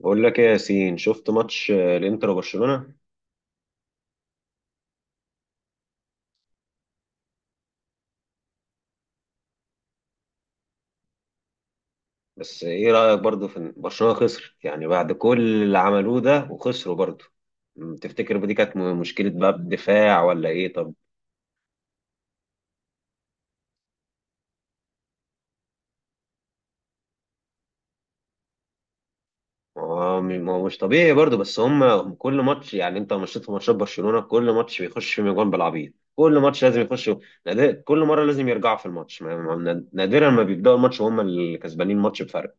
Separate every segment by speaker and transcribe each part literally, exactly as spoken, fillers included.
Speaker 1: بقول لك ايه يا ياسين؟ شفت ماتش آه، الانتر وبرشلونة. بس ايه رأيك برضه في إن برشلونة خسر؟ يعني بعد كل اللي عملوه ده وخسروا برضه. م، تفتكر دي كانت م- مشكلة بقى الدفاع ولا ايه؟ طب ما هو م- ما هو مش طبيعي برضه، بس هم كل ماتش، يعني انت مشيت في ماتشات برشلونة كل ماتش بيخش فيهم اجوان بالعبيط، كل ماتش لازم يخش. نادر- كل مرة لازم يرجعوا في الماتش، ما- ما- نادرا ما بيبدأوا الماتش وهم اللي كسبانين الماتش بفرق.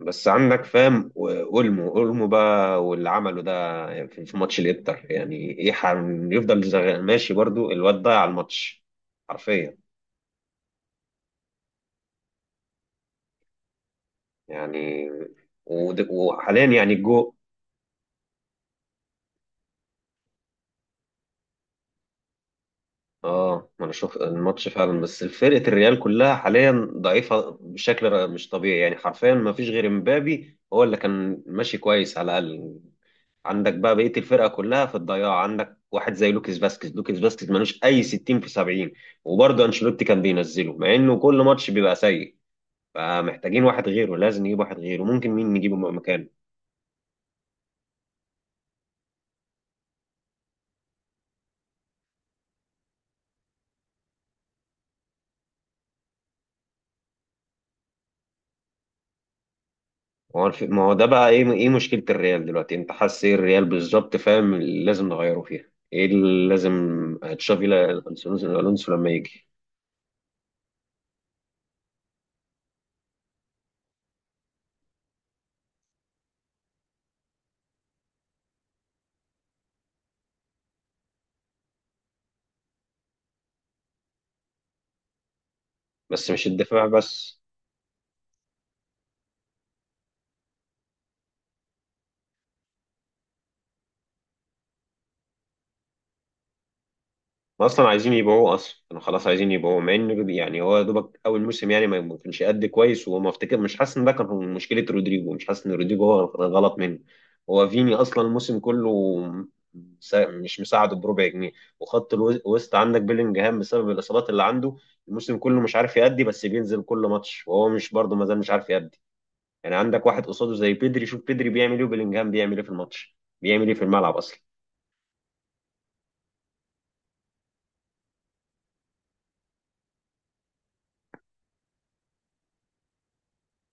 Speaker 1: بس عندك فاهم، اولمو اولمو بقى واللي عمله ده في في ماتش الانتر يعني ايه؟ حن- يفضل زغ- ماشي برضو، الواد ضيع الماتش حرفيا. يعني ود- وحاليا يعني الجو. اه، ما انا شوف الماتش فعلا، بس فرقه الريال كلها حاليا ضعيفه بشكل ر- مش طبيعي، يعني حرفيا ما فيش غير مبابي هو اللي كان ماشي كويس على الاقل. عندك بقى بقيه الفرقه كلها في الضياع، عندك واحد زي لوكيس فاسكيز لوكيس فاسكيز ملوش اي ستين في سبعين، وبرضه انشيلوتي كان بينزله مع انه كل ماتش بيبقى سيء. فمحتاجين واحد غيره، لازم نجيب واحد غيره، ممكن مين نجيبه مكانه؟ ما هو الف- ما هو ده بقى ايه؟ ايه مشكله الريال دلوقتي؟ انت حاسس ايه الريال بالظبط؟ فاهم اللي لازم نغيره فيها؟ ايه اللي لازم؟ تشافي ل- الونسو، الونسو لما يجي. بس مش الدفاع بس. ما اصلا عايزين يبيعوه اصلا، كانوا خلاص عايزين يبيعوه، مع ان يعني هو يا دوبك اول موسم يعني ما ما كانش قد كويس، وما افتكر مش حاسس ان ده كان مشكله رودريجو، مش حاسس ان رودريجو هو كان غلط منه. هو فيني اصلا الموسم كله مسا- مش مساعده بربع جنيه. وخط الوسط عندك بيلينجهام بسبب الاصابات اللي عنده، الموسم كله مش عارف يأدي، بس بينزل كل ماتش وهو مش برضه ما زال مش عارف يأدي. يعني عندك واحد قصاده زي بيدري، شوف بيدري بيعمل ايه وبيلينجهام بيعمل ايه في الماتش، بيعمل ايه في الملعب اصلا.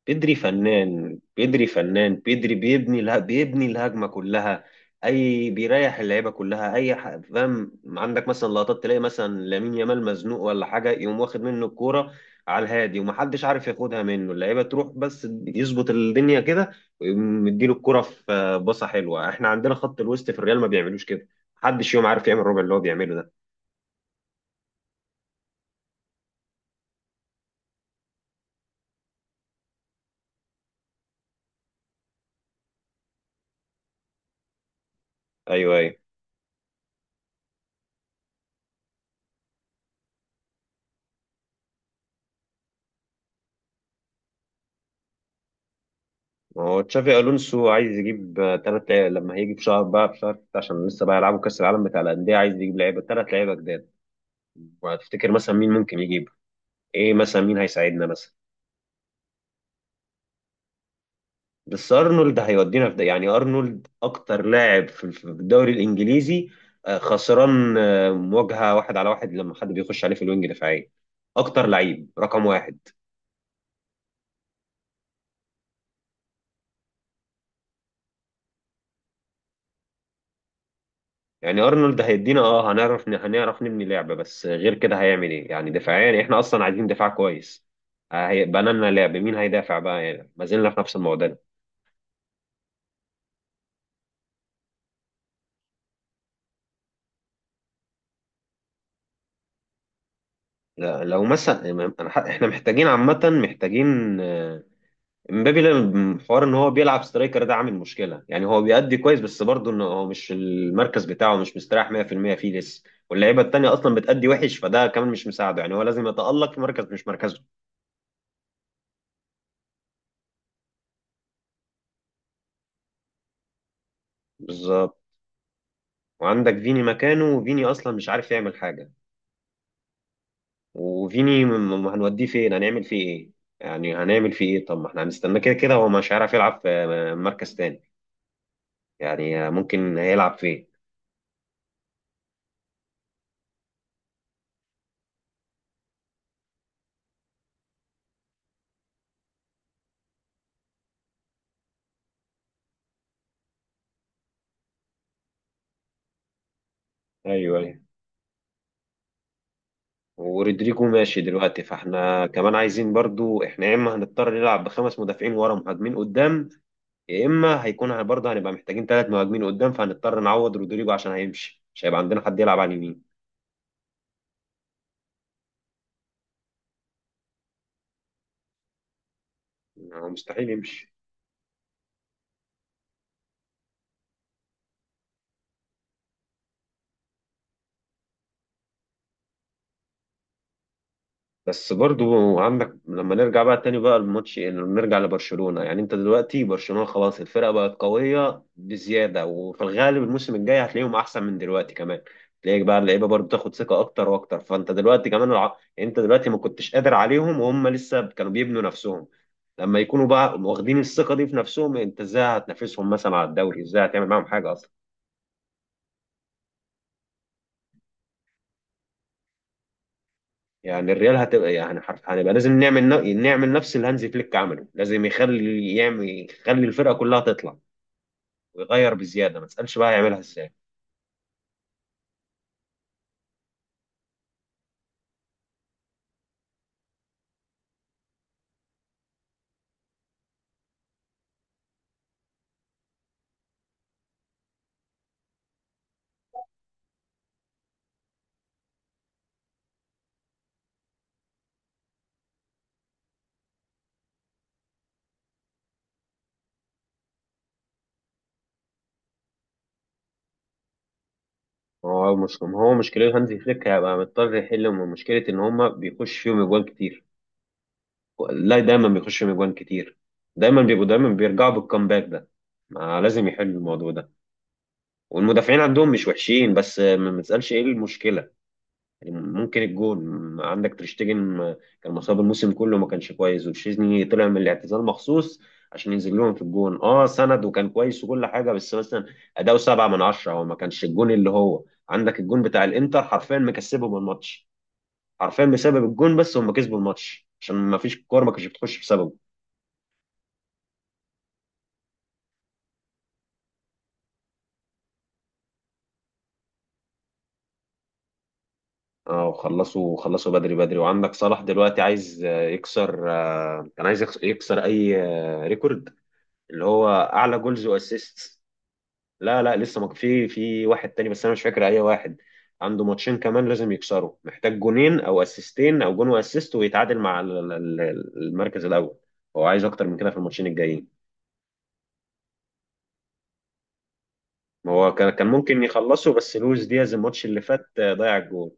Speaker 1: بيدري فنان، بيدري فنان، بيدري بيبني لها، بيبني الهجمه كلها، اي بيريح اللعيبه كلها. اي ح- فاهم؟ عندك مثلا لقطات تلاقي مثلا لامين يامال مزنوق ولا حاجه، يقوم واخد منه الكوره على الهادي، ومحدش عارف ياخدها منه، اللعيبه تروح بس يظبط الدنيا كده ويقوم مديله الكوره في باصه حلوه. احنا عندنا خط الوسط في الريال ما بيعملوش كده، محدش يوم عارف يعمل الربع اللي هو بيعمله ده. ايوه، ايوه. ما هو تشافي الونسو عايز يجيب ثلاث لعيبه لما هيجي في شهر بقى، في شهر ستة، عشان لسه بقى يلعبوا كاس العالم بتاع الانديه. عايز يجيب لعيبه، ثلاث لعيبه جداد. وهتفتكر مثلا مين ممكن يجيبه؟ ايه مثلا مين هيساعدنا مثلا؟ بس ارنولد هيودينا في ده؟ يعني ارنولد اكتر لاعب في في الدوري الانجليزي آه، خسران آه، مواجهه واحد على واحد لما حد بيخش عليه في الوينج، دفاعيه، اكتر لعيب رقم واحد. يعني ارنولد هيدينا، اه هنعرف هنعرف نبني لعبه، بس غير كده هيعمل ايه؟ يعني دفاعيا احنا اصلا عايزين دفاع كويس، آه، هيبقى لنا لعب، مين هيدافع بقى؟ يعني ما زلنا في نفس المعضله. لا، لو مثلا أنا ح- احنا محتاجين عامه، محتاجين آه، امبابي. لا- حوار ان هو بيلعب سترايكر ده عامل مشكله، يعني هو بيأدي كويس بس برضه ان هو مش المركز بتاعه، مش مستريح مية في المية فيه لسه. واللعيبه التانيه اصلا بتأدي وحش، فده كمان مش مساعده، يعني هو لازم يتألق في مركز مش مركزه. بالظبط. وعندك فيني مكانه، وفيني اصلا مش عارف يعمل حاجه، وفيني م- م- هنوديه فين؟ هنعمل فيه ايه؟ يعني هنعمل فيه ايه؟ طب ما احنا هنستناه كده كده، هو مش هيعرف يلعب في مركز تاني. يعني ممكن هيلعب فين؟ ايوه، ايوه. ورودريجو ماشي دلوقتي، فاحنا كمان عايزين برضو، احنا يا اما هنضطر نلعب بخمس مدافعين ورا مهاجمين قدام، يا اما هيكون برضه هنبقى محتاجين ثلاث مهاجمين قدام، فهنضطر نعوض رودريجو عشان هيمشي، مش هيبقى عندنا حد يلعب على اليمين. يعني هو مستحيل يمشي. بس برضو عندك، لما نرجع بقى تاني بقى الماتش، يعني نرجع لبرشلونة، يعني انت دلوقتي برشلونة خلاص الفرقة بقت قوية بزيادة، وفي الغالب الموسم الجاي هتلاقيهم احسن من دلوقتي كمان. تلاقيك بقى اللعيبة برضو تاخد ثقة اكتر واكتر، فانت دلوقتي كمان الع... يعني انت دلوقتي ما كنتش قادر عليهم وهم لسه كانوا بيبنوا نفسهم. لما يكونوا بقى واخدين الثقة دي في نفسهم، انت ازاي هتنافسهم مثلا على الدوري؟ ازاي هتعمل معاهم حاجة اصلا؟ يعني الريال هتبقى، يعني حرف هنبقى لازم نعمل ن- نعمل نفس اللي هانزي فليك عمله، لازم يخلي يعمل يخلي الفرقه كلها تطلع، ويغير بزياده، ما تسالش بقى يعملها ازاي. هو مش، ما هو مشكله هانزي فليك هيبقى مضطر يحل من مشكله ان هما بيخش فيهم اجوان كتير. لا، دايما بيخش فيهم اجوان كتير، دايما بيبقوا دايما بيرجعوا بالكامباك ده. ما لازم يحل الموضوع ده. والمدافعين عندهم مش وحشين، بس ما ما تسالش ايه المشكله. يعني ممكن الجون، عندك تريشتجن كان مصاب الموسم كله ما كانش كويس، وتشيزني طلع من الاعتزال مخصوص عشان ينزل لهم في الجون، اه سند وكان كويس وكل حاجه، بس مثلا اداؤه سبعة من عشرة، هو ما كانش الجون اللي هو عندك الجون بتاع الانتر حرفيا مكسبهم الماتش حرفيا بسبب الجون، بس هم كسبوا الماتش عشان ما فيش كوره ما كانتش بتخش بسببه. اه، وخلصوا خلصوا بدري بدري. وعندك صلاح دلوقتي عايز آه، يكسر آه، كان عايز يكسر يكسر اي آه، ريكورد، اللي هو اعلى جولز واسيست. لا، لا، لسه ما في، في واحد تاني بس انا مش فاكر اي واحد. عنده ماتشين كمان لازم يكسروا، محتاج جونين او اسيستين او جون واسيست ويتعادل مع ال- ال- ال- المركز الاول. هو عايز اكتر من كده في الماتشين الجايين. ما هو كان كان ممكن يخلصوا، بس لويس دياز الماتش اللي فات آه، ضيع الجول.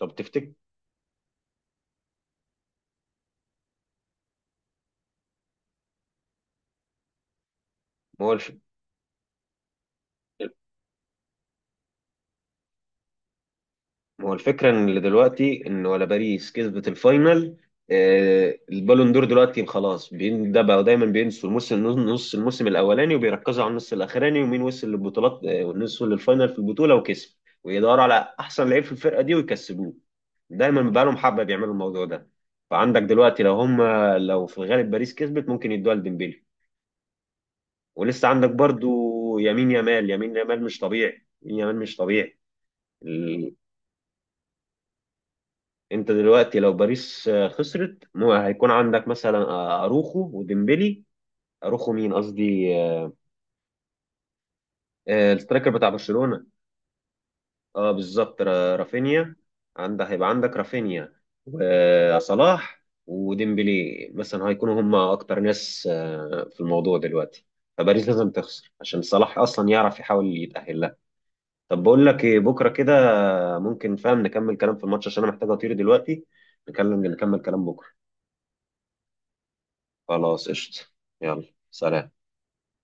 Speaker 1: طب تفتكر؟ ما هو الف- ما هو الفكرة ان دلوقتي، ان ولا باريس كسبت الفاينل. آه، البالون دور دلوقتي خلاص بين- ده بقى دايما بينسوا الموسم، نص الموسم الاولاني، وبيركزوا على النص الاخراني، ومين وصل للبطولات آه، والنص للفاينل في البطولة وكسب، ويدوروا على احسن لعيب في الفرقة دي ويكسبوه. دايما بقى لهم حبة بيعملوا الموضوع ده. فعندك دلوقتي لو هم، لو في الغالب باريس كسبت ممكن يدوها لديمبلي. ولسه عندك برضو يمين يامال، يمين يامال مش طبيعي، يمين يامال مش طبيعي. انت دلوقتي لو باريس آه، خسرت، مو- هيكون عندك مثلا آه، اروخو وديمبلي. اروخو مين قصدي آه، آه، السترايكر بتاع برشلونة. اه بالظبط، را- رافينيا. عندك هيبقى عندك رافينيا وصلاح وديمبلي، مثلا هيكونوا هم اكتر ناس آه، في الموضوع دلوقتي، فباريس لازم تخسر عشان صلاح اصلا يعرف يحاول يتأهل لها. طب بقول لك ايه، بكره كده ممكن فاهم نكمل كلام في الماتش، عشان انا محتاج اطير دلوقتي. نكلم نكمل كلام بكره. خلاص قشطة. يلا، سلام.